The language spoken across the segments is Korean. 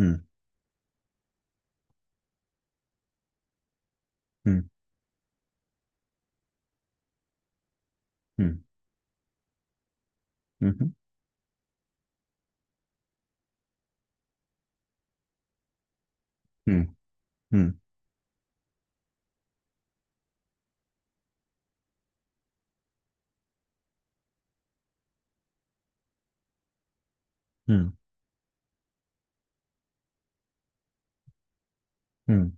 음. 음. 음. 음. 음. 음. 음. 음.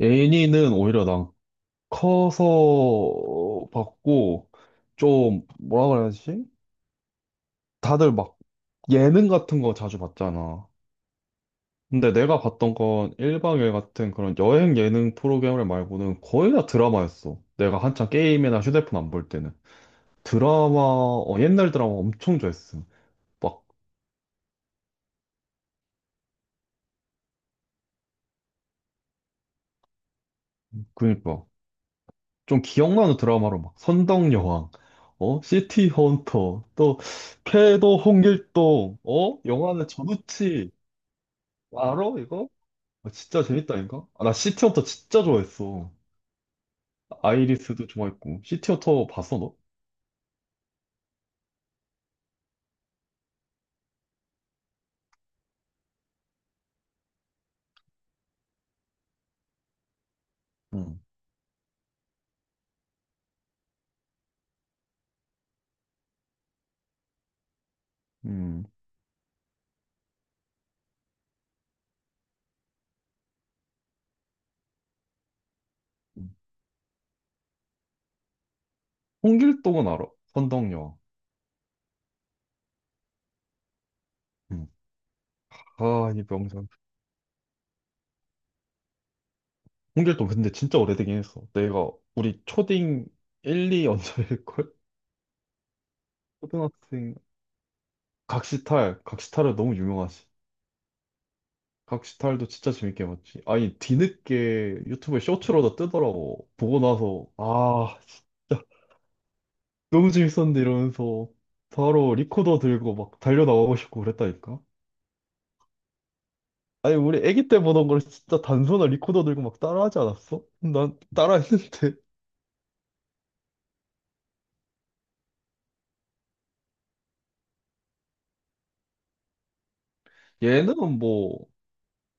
애니는 오히려 난 커서 봤고, 좀, 뭐라 그래야지? 다들 막 예능 같은 거 자주 봤잖아. 근데 내가 봤던 건 일박일 같은 그런 여행 예능 프로그램 말고는 거의 다 드라마였어. 내가 한창 게임이나 휴대폰 안 볼 때는. 드라마, 어, 옛날 드라마 엄청 좋아했어. 막, 그니까. 좀 기억나는 드라마로 막 선덕여왕, 어, 시티 헌터, 또 쾌도 홍길동, 어, 영화는 전우치, 알아 이거? 아, 진짜 재밌다 이까 아, 나 시티 헌터 진짜 좋아했어. 아이리스도 좋아했고 시티 헌터 봤어 너? 응. 음. 음. 홍길동은 알아. 선덕여왕. 음. 아, 이 명장. 홍길동 근데 진짜 오래되긴 했어. 내가 우리 초딩 1, 2 언저일걸? 초등학생, 각시탈, 각시탈은 너무 유명하지. 각시탈도 진짜 재밌게 봤지. 아니, 뒤늦게 유튜브에 쇼츠로 다 뜨더라고. 보고 나서, 아, 진짜 너무 재밌었는데 이러면서 바로 리코더 들고 막 달려나가고 싶고 그랬다니까. 아니, 우리 애기 때 보던 걸 진짜 단소나 리코더 들고 막 따라하지 않았어? 난 따라했는데. 얘는 뭐,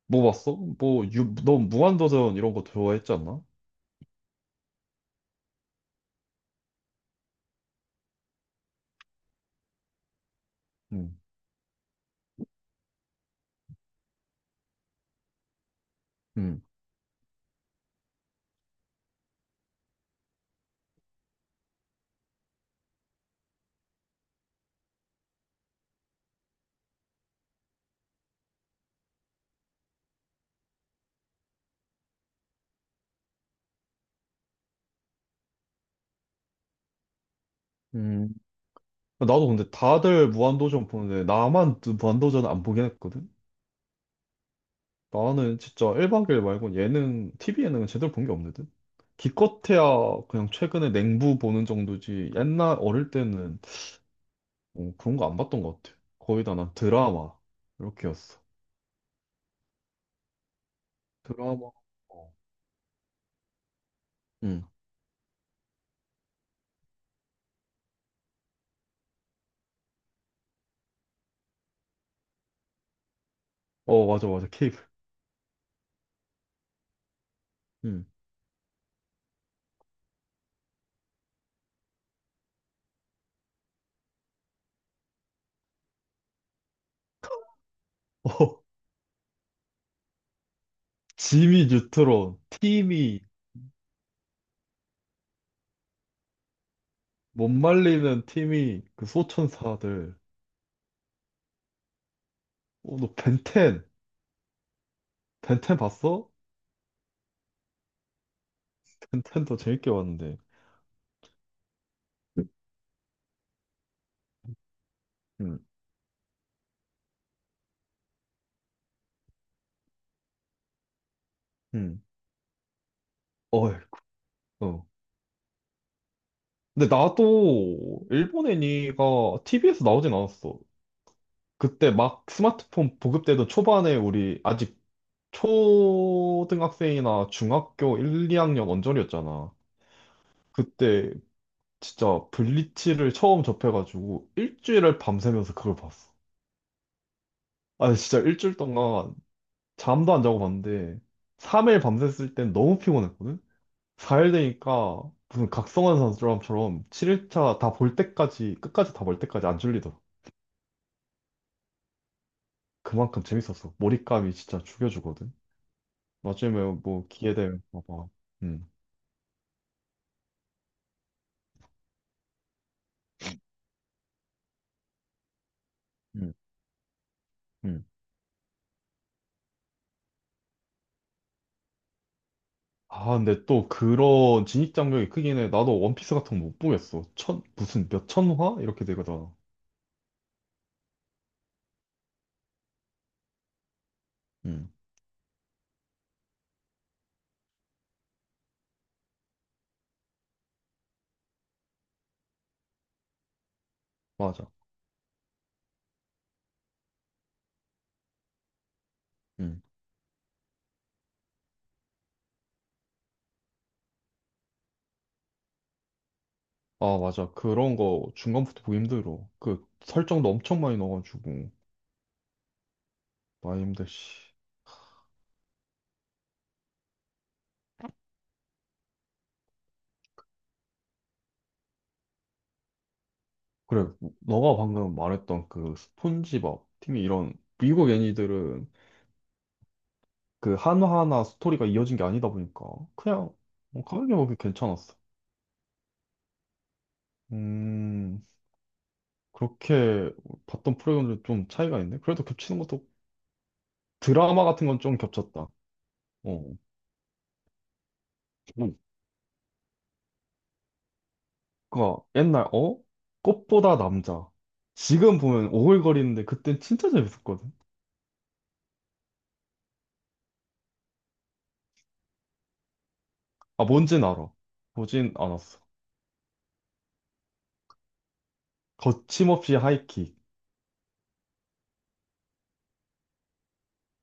뭐 봤어? 뭐, 너 무한도전 이런 거 좋아했지 않나? 응, 응, 응. 나도 근데 다들 무한도전 보는데 나만 무한도전 안 보긴 했거든? 나는 진짜 1박 2일 말고 예능, TV 예능은 제대로 본 게 없거든? 기껏해야 그냥 최근에 냉부 보는 정도지. 옛날 어릴 때는 어, 그런 거 안 봤던 것 같아. 거의 다 난 드라마 이렇게였어. 드라마. 어. 응. 어, 맞아, 맞아. 케이블. 응. 어, 지미 뉴트론, 팀이, 못 말리는 팀이, 그 소천사들. 어, 너 벤텐, 벤텐 봤어? 벤텐도 재밌게 봤는데. 응, 응. 어, 근데 나도 일본 애니가 TV에서 나오진 않았어. 그때 막 스마트폰 보급되던 초반에 우리 아직 초등학생이나 중학교 1, 2학년 언저리였잖아. 그때 진짜 블리치를 처음 접해가지고 일주일을 밤새면서 그걸 봤어. 아, 진짜 일주일 동안 잠도 안 자고 봤는데 3일 밤샜을 땐 너무 피곤했거든? 4일 되니까 무슨 각성한 사람처럼 7일차 다 볼 때까지, 끝까지 다 볼 때까지 안 졸리더라. 그만큼 재밌었어. 몰입감이 진짜 죽여주거든. 나중에 뭐 기회 되면 봐봐. 음. 음. 음. 아, 근데 또 그런 진입장벽이 크긴 해. 나도 원피스 같은 거 못 보겠어. 천, 무슨 몇천 화? 이렇게 되거든. 음, 맞아. 음. 아, 맞아. 그런 거 중간부터 보기 힘들어. 그 설정도 엄청 많이 넣어가지고. 많이 힘들, 씨. 그래, 너가 방금 말했던 그 스폰지밥, 팀이 이런 미국 애니들은 그 하나하나 스토리가 이어진 게 아니다 보니까 그냥 뭐 가볍게 보기 괜찮았어. 음, 그렇게 봤던 프로그램들 좀 차이가 있네. 그래도 겹치는 것도 드라마 같은 건 좀 겹쳤다. 어. 그러니까 옛날 어? 꽃보다 남자. 지금 보면 오글거리는데 그땐 진짜 재밌었거든. 아, 뭔진 알아. 보진 않았어. 거침없이 하이킥.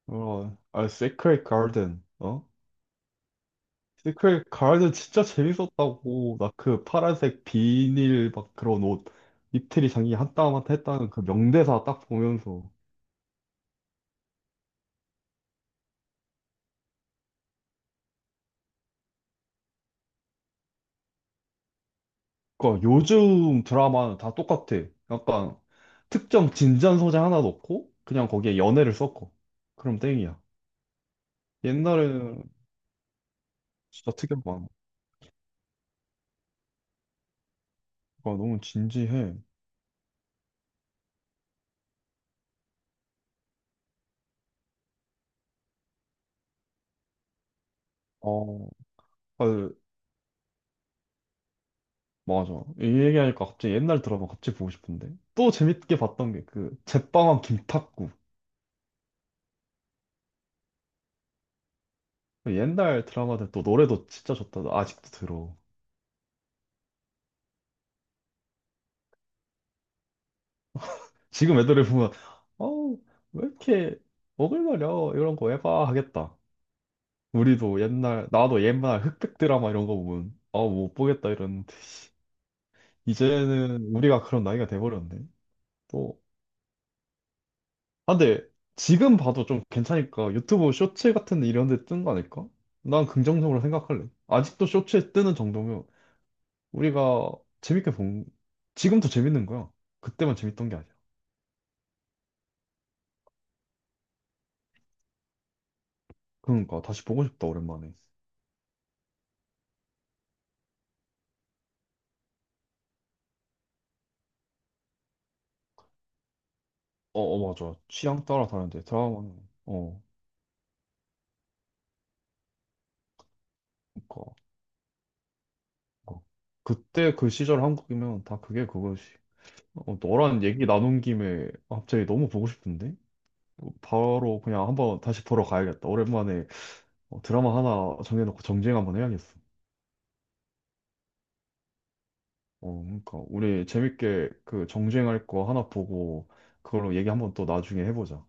어, 아, 세크레 가든. 어? 근데 그 가을도 진짜 재밌었다고. 나 그 파란색 비닐 막 그런 옷 입틀이 장기 한 땀 한 땀 했다는 그 명대사 딱 보면서. 그러니까 요즘 드라마는 다 똑같아. 약간 특정 진지한 소재 하나 넣고 그냥 거기에 연애를 섞어. 그럼 땡이야. 옛날에는 진짜 특이한 거 많아. 그러니까 너무 진지해. 어, 아, 맞아. 이 얘기하니까 갑자기 옛날 드라마 갑자기 보고 싶은데. 또 재밌게 봤던 게 그 제빵왕 김탁구. 옛날 드라마들 또 노래도 진짜 좋다. 나 아직도 들어. 지금 애들을 보면, 어우, 왜 이렇게 오글거려? 이런 거 해봐 하겠다. 우리도 옛날, 나도 옛날 흑백 드라마 이런 거 보면, 아우, 못 보겠다 이러는데. 이제는 우리가 그런 나이가 돼버렸네. 또, 아, 근데 지금 봐도 좀 괜찮으니까 유튜브 쇼츠 같은 데 이런 데 뜬 거 아닐까? 난 긍정적으로 생각할래. 아직도 쇼츠에 뜨는 정도면 우리가 재밌게 본, 지금도 재밌는 거야. 그때만 재밌던 게 아니야. 그러니까 다시 보고 싶다 오랜만에. 어, 어 맞아. 취향 따라 다른데 드라마는 어 그러니까 어. 그때 그 시절 한국이면 다 그게 그거지. 어, 너랑 얘기 나눈 김에 갑자기 너무 보고 싶은데 어, 바로 그냥 한번 다시 보러 가야겠다. 오랜만에 어, 드라마 하나 정해놓고 정주행 한번 해야겠어. 어 그러니까 우리 재밌게 그 정주행할 거 하나 보고 그걸로 얘기 한번 또 나중에 해보자.